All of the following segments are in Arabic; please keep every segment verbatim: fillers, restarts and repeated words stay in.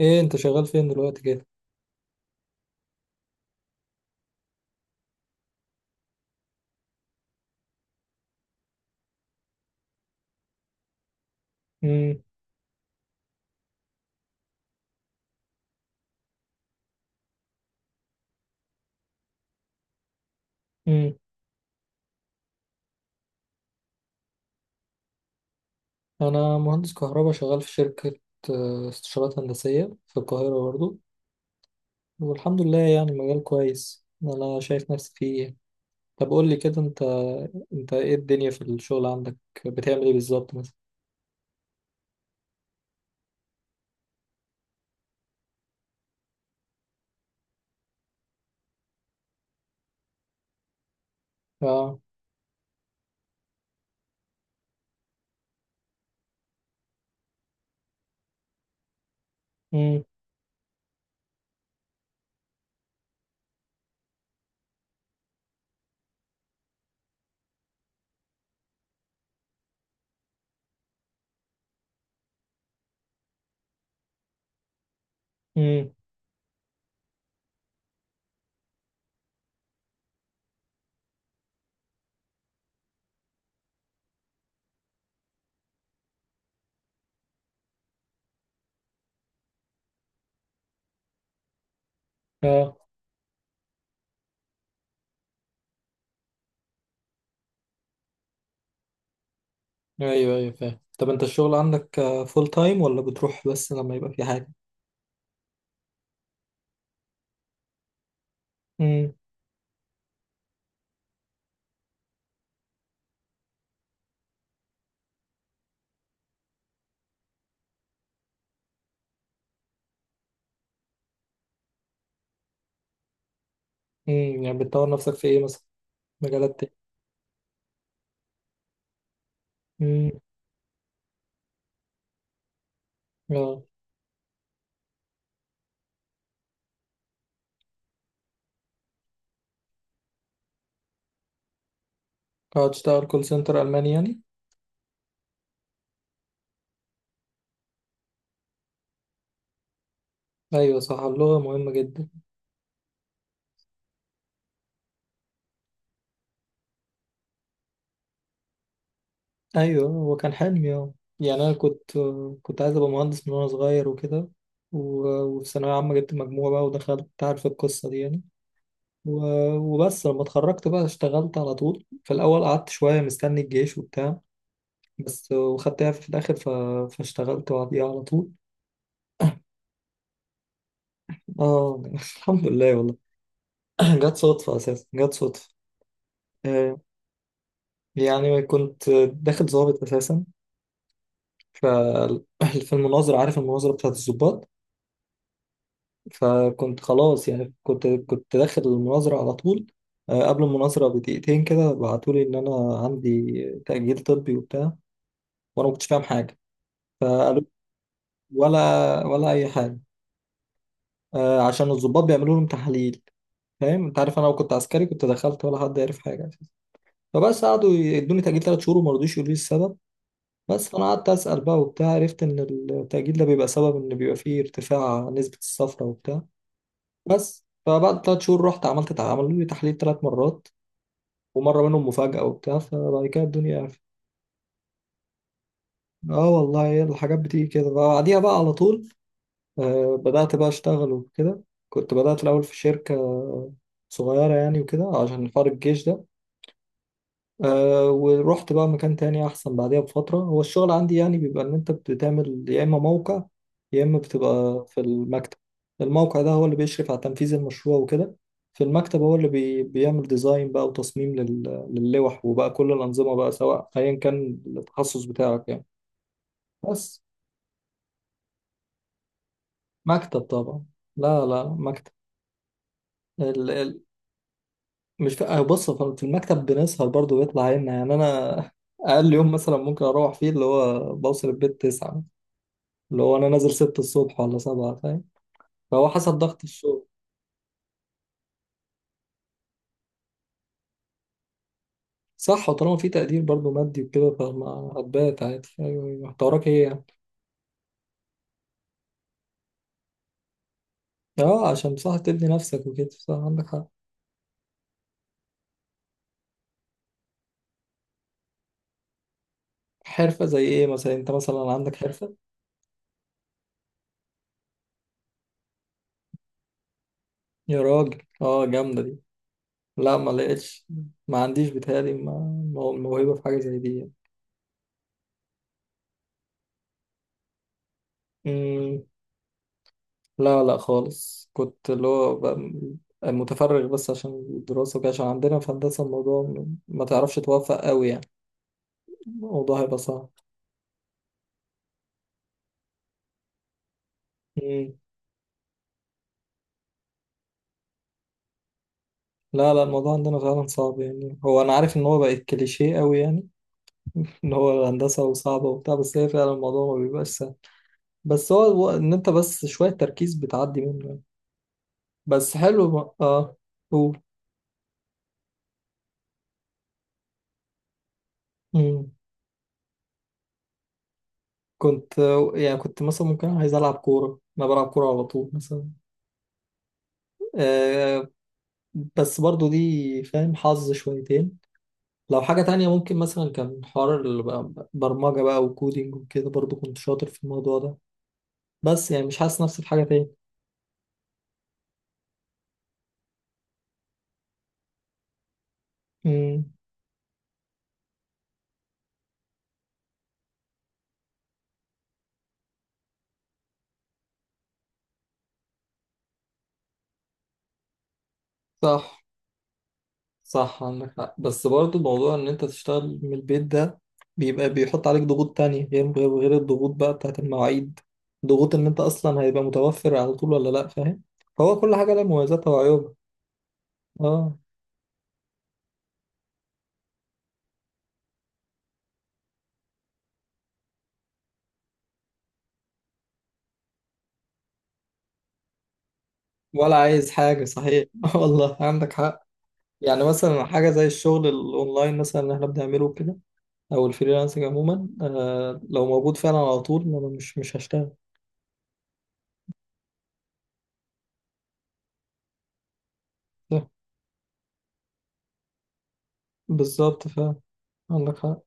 ايه انت شغال فين دلوقتي كده؟ امم. امم. انا مهندس كهرباء شغال في شركة آه، استشارات هندسية في القاهرة برضو. والحمد لله، يعني مجال كويس انا شايف نفسي فيه يعني. طب قول لي كده، انت انت ايه الدنيا في الشغل عندك؟ بتعمل ايه بالظبط مثلا؟ اه. امم. امم. اه. ايوه ايوه فاهم. طب انت الشغل عندك فول تايم ولا بتروح بس لما يبقى في حاجة؟ امم. امم. يعني بتطور نفسك في ايه مثلا؟ مجالات تانية؟ امم. اه. آه، تشتغل كول سنتر ألماني يعني؟ ايوه صح، اللغه مهمه جدا. ايوه، هو كان حلمي اه. يعني انا كنت كنت عايز ابقى مهندس من وانا صغير وكده. و- وفي ثانويه عامه جبت مجموعه بقى ودخلت، أنت عارف القصه دي يعني. و- وبس لما اتخرجت بقى اشتغلت على طول. في الاول قعدت شويه مستني الجيش وبتاع، بس وخدتها في الاخر ف... فاشتغلت بعديها على طول. اه الحمد لله والله. جت صدفه اساسا، جت صدفه. آه، يعني كنت داخل ضابط اساسا. ف- في المناظره، عارف المناظره بتاعت الضباط. فكنت خلاص يعني، كنت كنت داخل المناظرة على طول. آه، قبل المناظرة بدقيقتين كده بعتولي إن أنا عندي تأجيل طبي وبتاع، وأنا ما كنتش فاهم حاجة. فقالوا ولا ولا أي حاجة. آه، عشان الضباط بيعملوا لهم تحاليل، فاهم؟ أنت عارف أنا لو كنت عسكري كنت دخلت ولا حد عارف حاجة أساسا. فبس قعدوا يدوني تأجيل تلات شهور وما رضوش يقولوا لي السبب. بس فأنا قعدت أسأل بقى وبتاع، عرفت إن التأجيل ده بيبقى سبب إن بيبقى فيه ارتفاع نسبة الصفرة وبتاع. بس فبعد تلات شهور رحت عملت، عملوا لي تحليل تلات مرات، ومره منهم مفاجاه وبتاع. فبعد كده الدنيا عرفت. اه والله، هي الحاجات بتيجي كده بعديها بقى على طول. آه، بدات بقى اشتغل وكده. كنت بدات الاول في شركه صغيره يعني وكده عشان حوار الجيش ده. أه، ورحت بقى مكان تاني أحسن بعديها بفترة. هو الشغل عندي يعني بيبقى إن أنت بتعمل يا إما موقع يا إما بتبقى في المكتب. الموقع ده هو اللي بيشرف على تنفيذ المشروع وكده. في المكتب هو اللي بي بيعمل ديزاين بقى وتصميم لل... للوح، وبقى كل الأنظمة بقى سواء أيا كان التخصص بتاعك يعني. بس مكتب طبعا. لا لا، مكتب. ال... ال... مش في... آه، بص، في المكتب بنسهر برضه، بيطلع عنا يعني. أنا أقل يوم مثلا ممكن أروح فيه اللي هو بوصل البيت تسعة، اللي هو انا نازل ستة الصبح ولا سبعة فاهم. فهو حسب ضغط الشغل. صح، وطالما في تقدير برضو مادي وكده، فما هتبات عادي. ايوه ايوه، انت وراك ايه يعني؟ اه، عشان بصح تبني نفسك وكده. صح، عندك حق. حرفة زي ايه مثلا؟ انت مثلا عندك حرفة؟ يا راجل اه، جامدة دي. لا ما لقيتش، ما عنديش بيتهيألي ما- مو- موهبة في حاجة زي دي يعني. امم. لا لا خالص، كنت اللي هو ب- متفرغ بس عشان الدراسة وكده، عشان عندنا في هندسة الموضوع ما تعرفش توفق قوي يعني. الموضوع هيبقى صعب. مم. لا لا، الموضوع عندنا فعلا صعب يعني. هو انا عارف ان هو بقت كليشيه قوي يعني ان هو الهندسه وصعبه وبتاع، بس هي فعلا الموضوع ما بيبقاش سهل. بس هو هو ان انت بس شويه تركيز بتعدي منه يعني. بس حلو ما... اه. قول. مم. كنت، يعني كنت مثلا ممكن عايز العب كوره، انا بلعب كوره على طول مثلا آه. بس برضو دي فاهم حظ شويتين. لو حاجة تانية ممكن، مثلا كان حوار البرمجة بقى، برمجة بقى وكودينج وكده، برضو كنت شاطر في الموضوع ده. بس يعني مش حاسس نفسي في حاجة تاني. امم. صح صح عندك حق. بس برضه الموضوع ان انت تشتغل من البيت ده بيبقى بيحط عليك ضغوط تانية، غير غير غير الضغوط بقى بتاعت المواعيد. ضغوط ان انت اصلا هيبقى متوفر على طول ولا لا، فاهم؟ هو كل حاجة لها مميزاتها وعيوبها. اه. ولا عايز حاجة صحيح والله عندك حق. يعني مثلا حاجة زي الشغل الاونلاين مثلا اللي احنا بنعمله كده، او الفريلانسنج عموما آه، لو موجود فعلا على طول انا مش مش هشتغل. صح، بالظبط فعلا. عندك حق.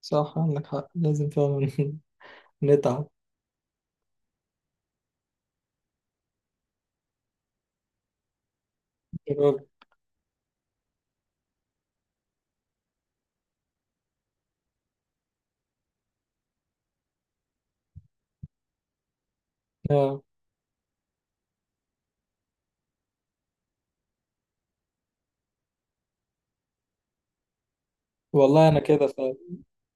صح عندك حق، لازم فعلا نتعب. شباب آه. والله انا كده فعلا،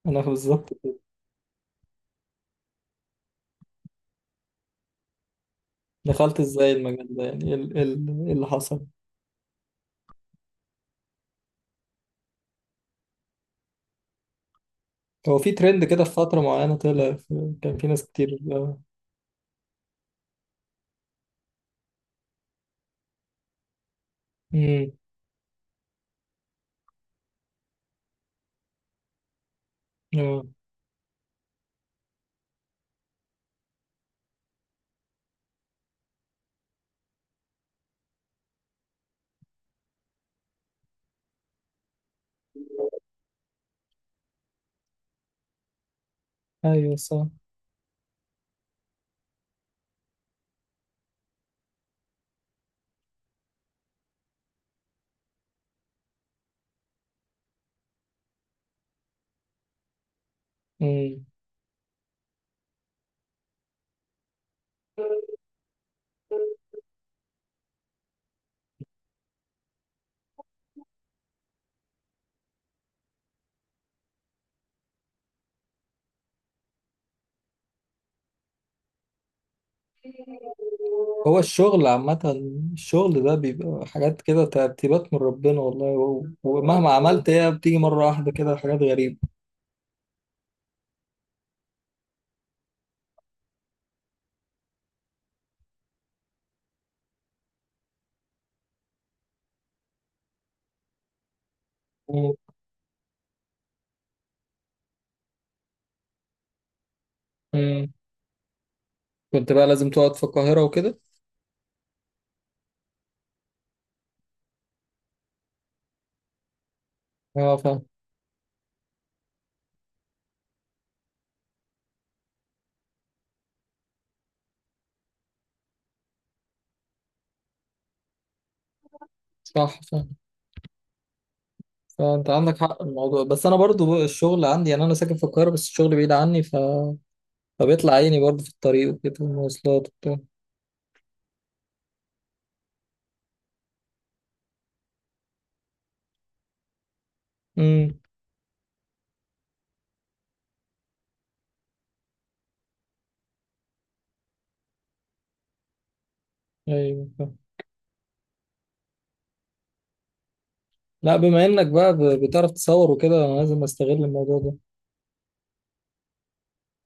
انا بالظبط كده. دخلت ازاي المجال ده يعني؟ ايه ال- ال- إيه اللي حصل؟ هو في ترند كده في فترة معينة طلع في- كان في ناس كتير آه. امم. اه. ايوه صح. امم. هو الشغل عامة، الشغل ده بيبقى حاجات كده ترتيبات من ربنا والله. و- ومهما عملت هي بتيجي مرة واحدة كده، حاجات غريبة. امم. كنت بقى لازم تقعد في القاهرة وكده؟ اه فاهم. صح صح، فانت عندك حق في الموضوع، بس انا برضو الشغل عندي يعني. انا ساكن في القاهره بس الشغل بعيد عني ف... فبيطلع عيني برضو في الطريق وكده والمواصلات وبتاع. امم. ايوه فاهم. لا، بما انك بقى ب- بتعرف تصور وكده انا لازم استغل الموضوع ده.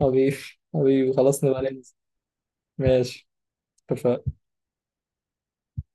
حبيبي، حبيبي خلاص، نبقى ننزل. ماشي. اتفقنا.